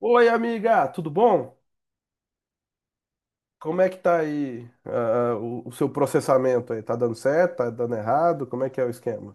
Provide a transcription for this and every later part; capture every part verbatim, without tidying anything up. Oi, amiga, tudo bom? Como é que tá aí, ah, ah, o, o seu processamento aí? Tá dando certo? Tá dando errado? Como é que é o esquema?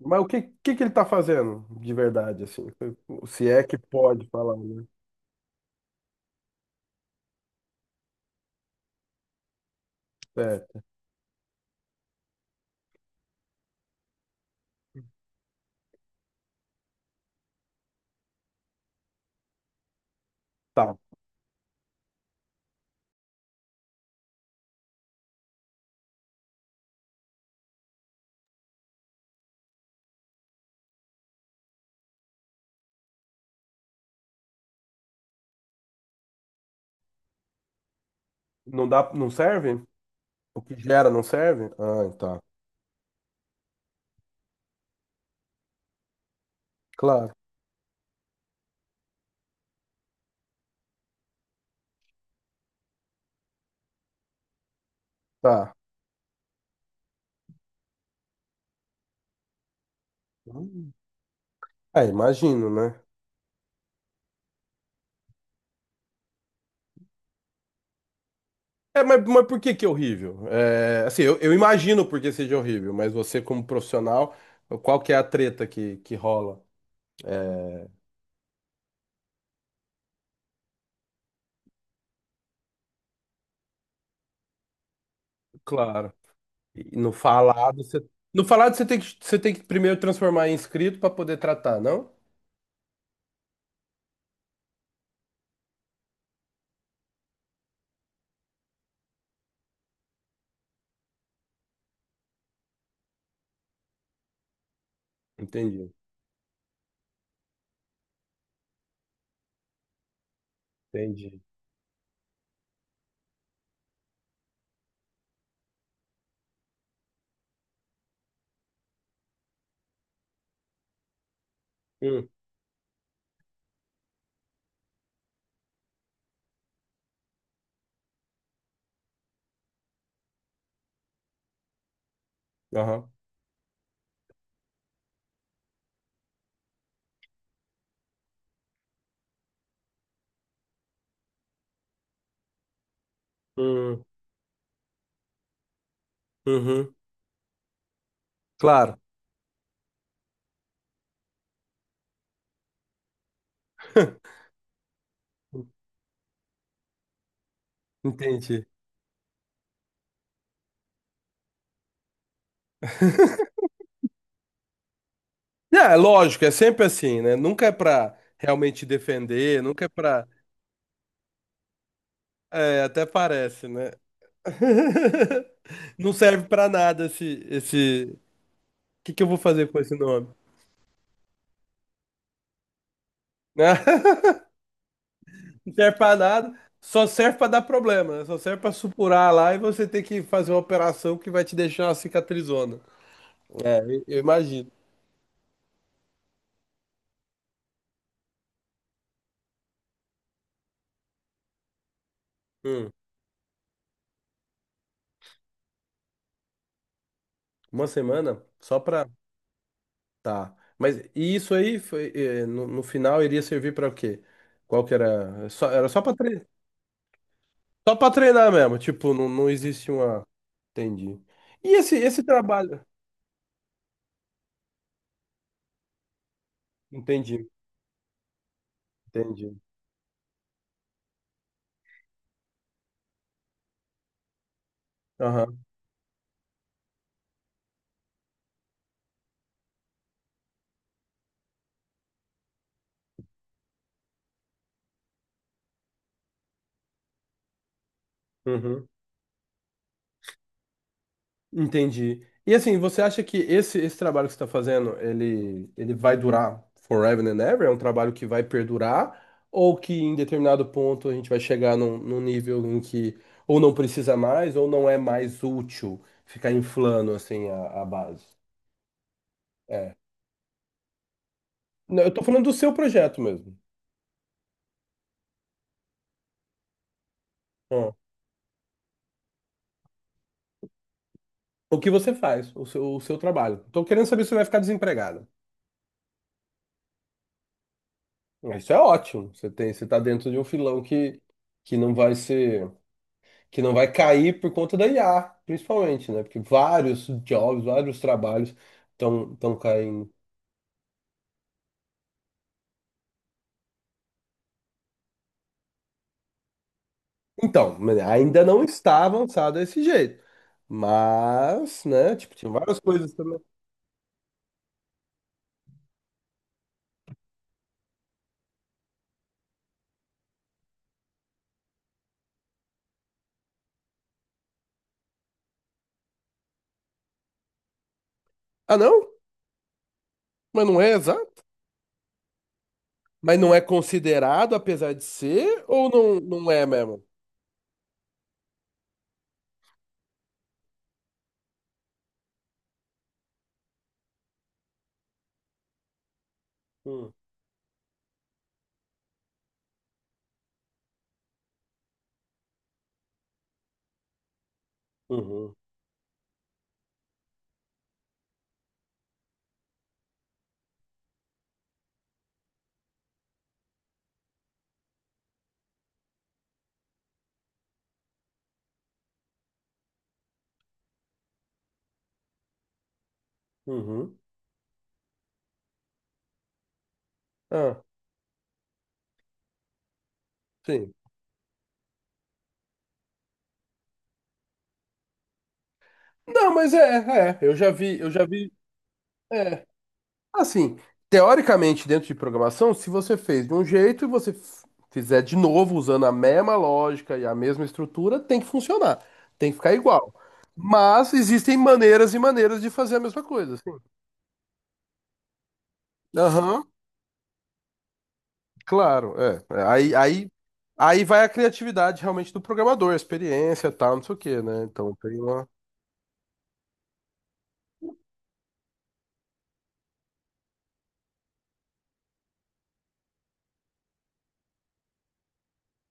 Mas o que, que que ele tá fazendo de verdade, assim? Se é que pode falar, né? É, tá. Não dá, não serve? O que gera não serve? Ah, tá. Claro, tá. Hum. É, imagino, né? É, mas, mas por que que é horrível? É, assim, eu, eu imagino por que seja horrível, mas você como profissional, qual que é a treta que, que rola? Claro. E no falado, você... No falado você tem que, você tem que primeiro transformar em escrito para poder tratar, não? Entendi, entendi. Hum, aham. Hum, uhum. Claro. Entendi. É, é lógico, é sempre assim, né? Nunca é pra realmente defender, nunca é pra. É, até parece, né? Não serve pra nada esse, esse. O que que eu vou fazer com esse nome? Não serve pra nada, só serve pra dar problema, né? Só serve pra supurar lá e você ter que fazer uma operação que vai te deixar uma cicatrizona. É, eu eu imagino. Hum, uma semana só pra. Tá. Mas e isso aí foi, eh, no, no final iria servir pra o quê? Qual que era? É só, era só pra treinar. Só pra treinar mesmo. Tipo, não, não existe uma. Entendi. E esse, esse trabalho? Entendi, entendi. Aham, uhum. Entendi. E assim, você acha que esse, esse trabalho que você está fazendo, ele, ele vai durar forever and ever? É um trabalho que vai perdurar? Ou que em determinado ponto a gente vai chegar num, num nível em que ou não precisa mais, ou não é mais útil ficar inflando assim a, a base? É. Não, eu tô falando do seu projeto mesmo. Ó, o que você faz, o seu, o seu trabalho. Tô querendo saber se você vai ficar desempregado. Isso é ótimo. Você tem, você tá dentro de um filão que, que não vai ser. Que não vai cair por conta da I A, principalmente, né? Porque vários jobs, vários trabalhos estão estão caindo. Então, né, ainda não está avançado desse jeito. Mas, né, tipo, tinha várias coisas também. Ah, não? Mas não é exato? Mas não é considerado, apesar de ser, ou não, não é mesmo? Hum, Uhum, uhum. Ah, sim. Não, mas é, é, eu já vi, eu já vi. É assim, teoricamente, dentro de programação, se você fez de um jeito e você f- fizer de novo usando a mesma lógica e a mesma estrutura, tem que funcionar, tem que ficar igual. Mas existem maneiras e maneiras de fazer a mesma coisa, assim. Aham, claro, é. É. Aí, aí, aí vai a criatividade realmente do programador, a experiência, tal, não sei o quê, né? Então tem uma.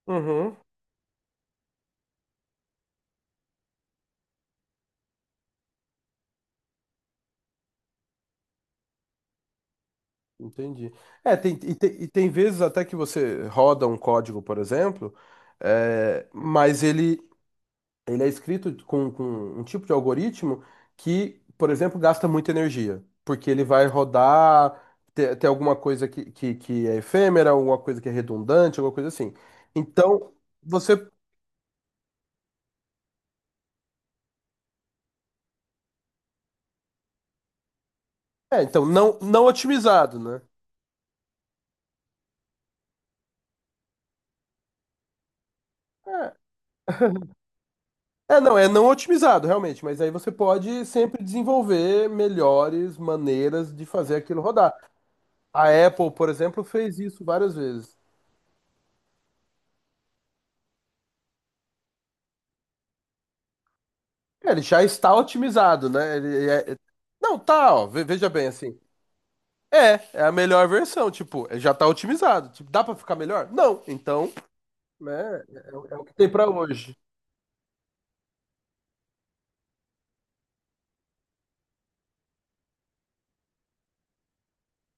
Uhum, entendi. É, tem, e, tem, e tem vezes até que você roda um código, por exemplo, é, mas ele Ele é escrito com, com um tipo de algoritmo que, por exemplo, gasta muita energia, porque ele vai rodar, ter, ter alguma coisa que, que, que é efêmera, alguma coisa que é redundante, alguma coisa assim. Então, você. É, então, não, não otimizado, né? É, é, não, é não otimizado, realmente, mas aí você pode sempre desenvolver melhores maneiras de fazer aquilo rodar. A Apple, por exemplo, fez isso várias vezes. É, ele já está otimizado, né? Ele é- é, não, tá, ó, ve- veja bem assim. É, é a melhor versão, tipo, já tá otimizado. Tipo, dá pra ficar melhor? Não. Então, né, é, o é o que tem pra hoje.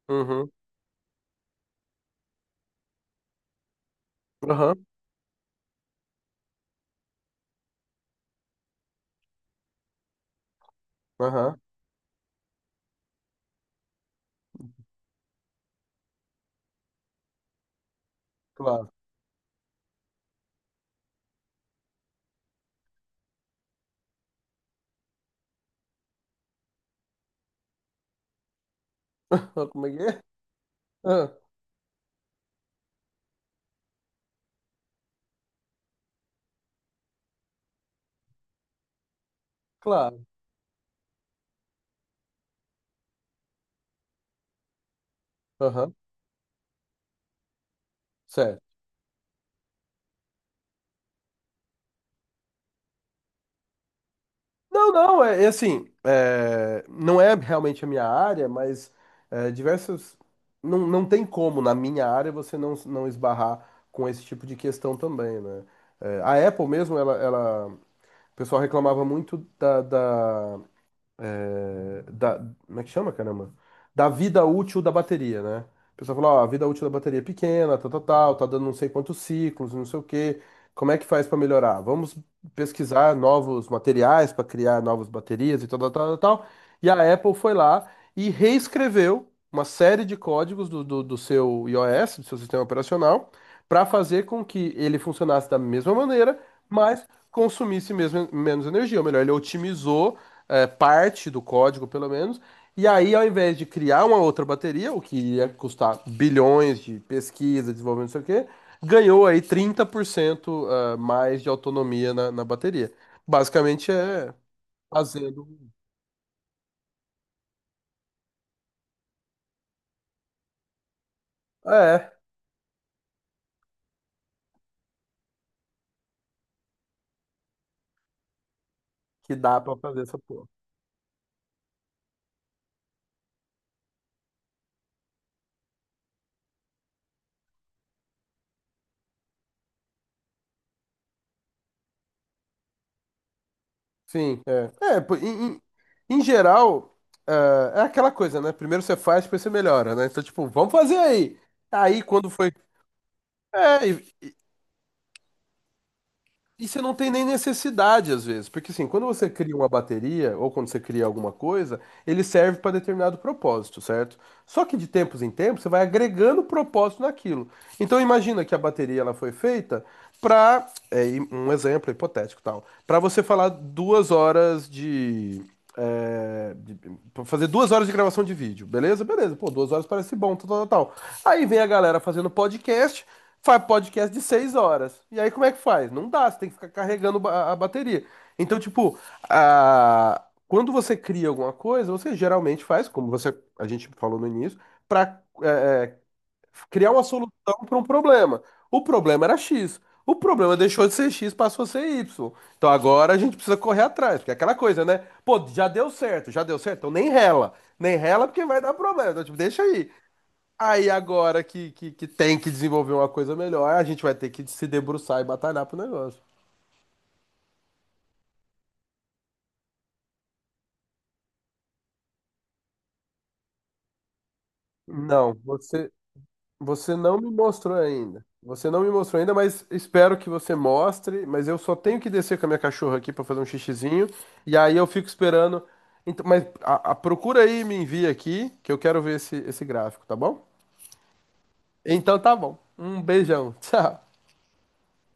Uhum, aham, aham, claro. Como é que é? Ah, claro, aham, certo. Não, não, é, é assim, é, não é realmente a minha área, mas é, diversos... Não, não tem como, na minha área, você não, não esbarrar com esse tipo de questão também, né? É, a Apple mesmo, ela, ela, o pessoal reclamava muito da, da é, da, como é que chama, caramba? Da vida útil da bateria, né? O pessoal fala, ó, a vida útil da bateria é pequena, tal, tal, tal, tá dando não sei quantos ciclos, não sei o quê. Como é que faz para melhorar? Vamos pesquisar novos materiais para criar novas baterias e tal, tal, tal, tal. tal. E a Apple foi lá e reescreveu uma série de códigos do, do, do seu iOS, do seu sistema operacional, para fazer com que ele funcionasse da mesma maneira, mas consumisse mesmo, menos energia. Ou melhor, ele otimizou é, parte do código, pelo menos. E aí, ao invés de criar uma outra bateria, o que ia custar bilhões de pesquisa, desenvolvimento, não sei o quê, ganhou aí trinta por cento ah, mais de autonomia na, na bateria. Basicamente é fazendo. É, que dá pra fazer essa porra. Sim, é. É, pô, em, em- em geral, ah, é aquela coisa, né? Primeiro você faz, depois você melhora, né? Então, tipo, vamos fazer aí. Aí, quando foi. É, e você não tem nem necessidade, às vezes, porque assim, quando você cria uma bateria ou quando você cria alguma coisa, ele serve para determinado propósito, certo? Só que de tempos em tempos você vai agregando propósito naquilo. Então imagina que a bateria ela foi feita para, um exemplo hipotético tal, para você falar duas horas de, é, de- pra fazer duas horas de gravação de vídeo, beleza? Beleza, pô, duas horas parece bom, tal, tal, tal. Aí vem a galera fazendo podcast, faz podcast de seis horas. E aí como é que faz? Não dá, você tem que ficar carregando ba- a bateria. Então, tipo, a... quando você cria alguma coisa, você geralmente faz, como você a gente falou no início, para criar uma solução para um problema. O problema era X. O problema deixou de ser X, passou a ser Y. Então agora a gente precisa correr atrás, porque é aquela coisa, né? Pô, já deu certo, já deu certo, então nem rela. Nem rela porque vai dar problema. Então, tipo, deixa aí. Aí agora que, que, que tem que desenvolver uma coisa melhor, a gente vai ter que se debruçar e batalhar pro negócio. Não, você, você não me mostrou ainda. Você não me mostrou ainda, mas espero que você mostre. Mas eu só tenho que descer com a minha cachorra aqui para fazer um xixizinho. E aí eu fico esperando. Então, mas a, a- procura aí e me envia aqui, que eu quero ver esse, esse gráfico, tá bom? Então tá bom. Um beijão. Tchau.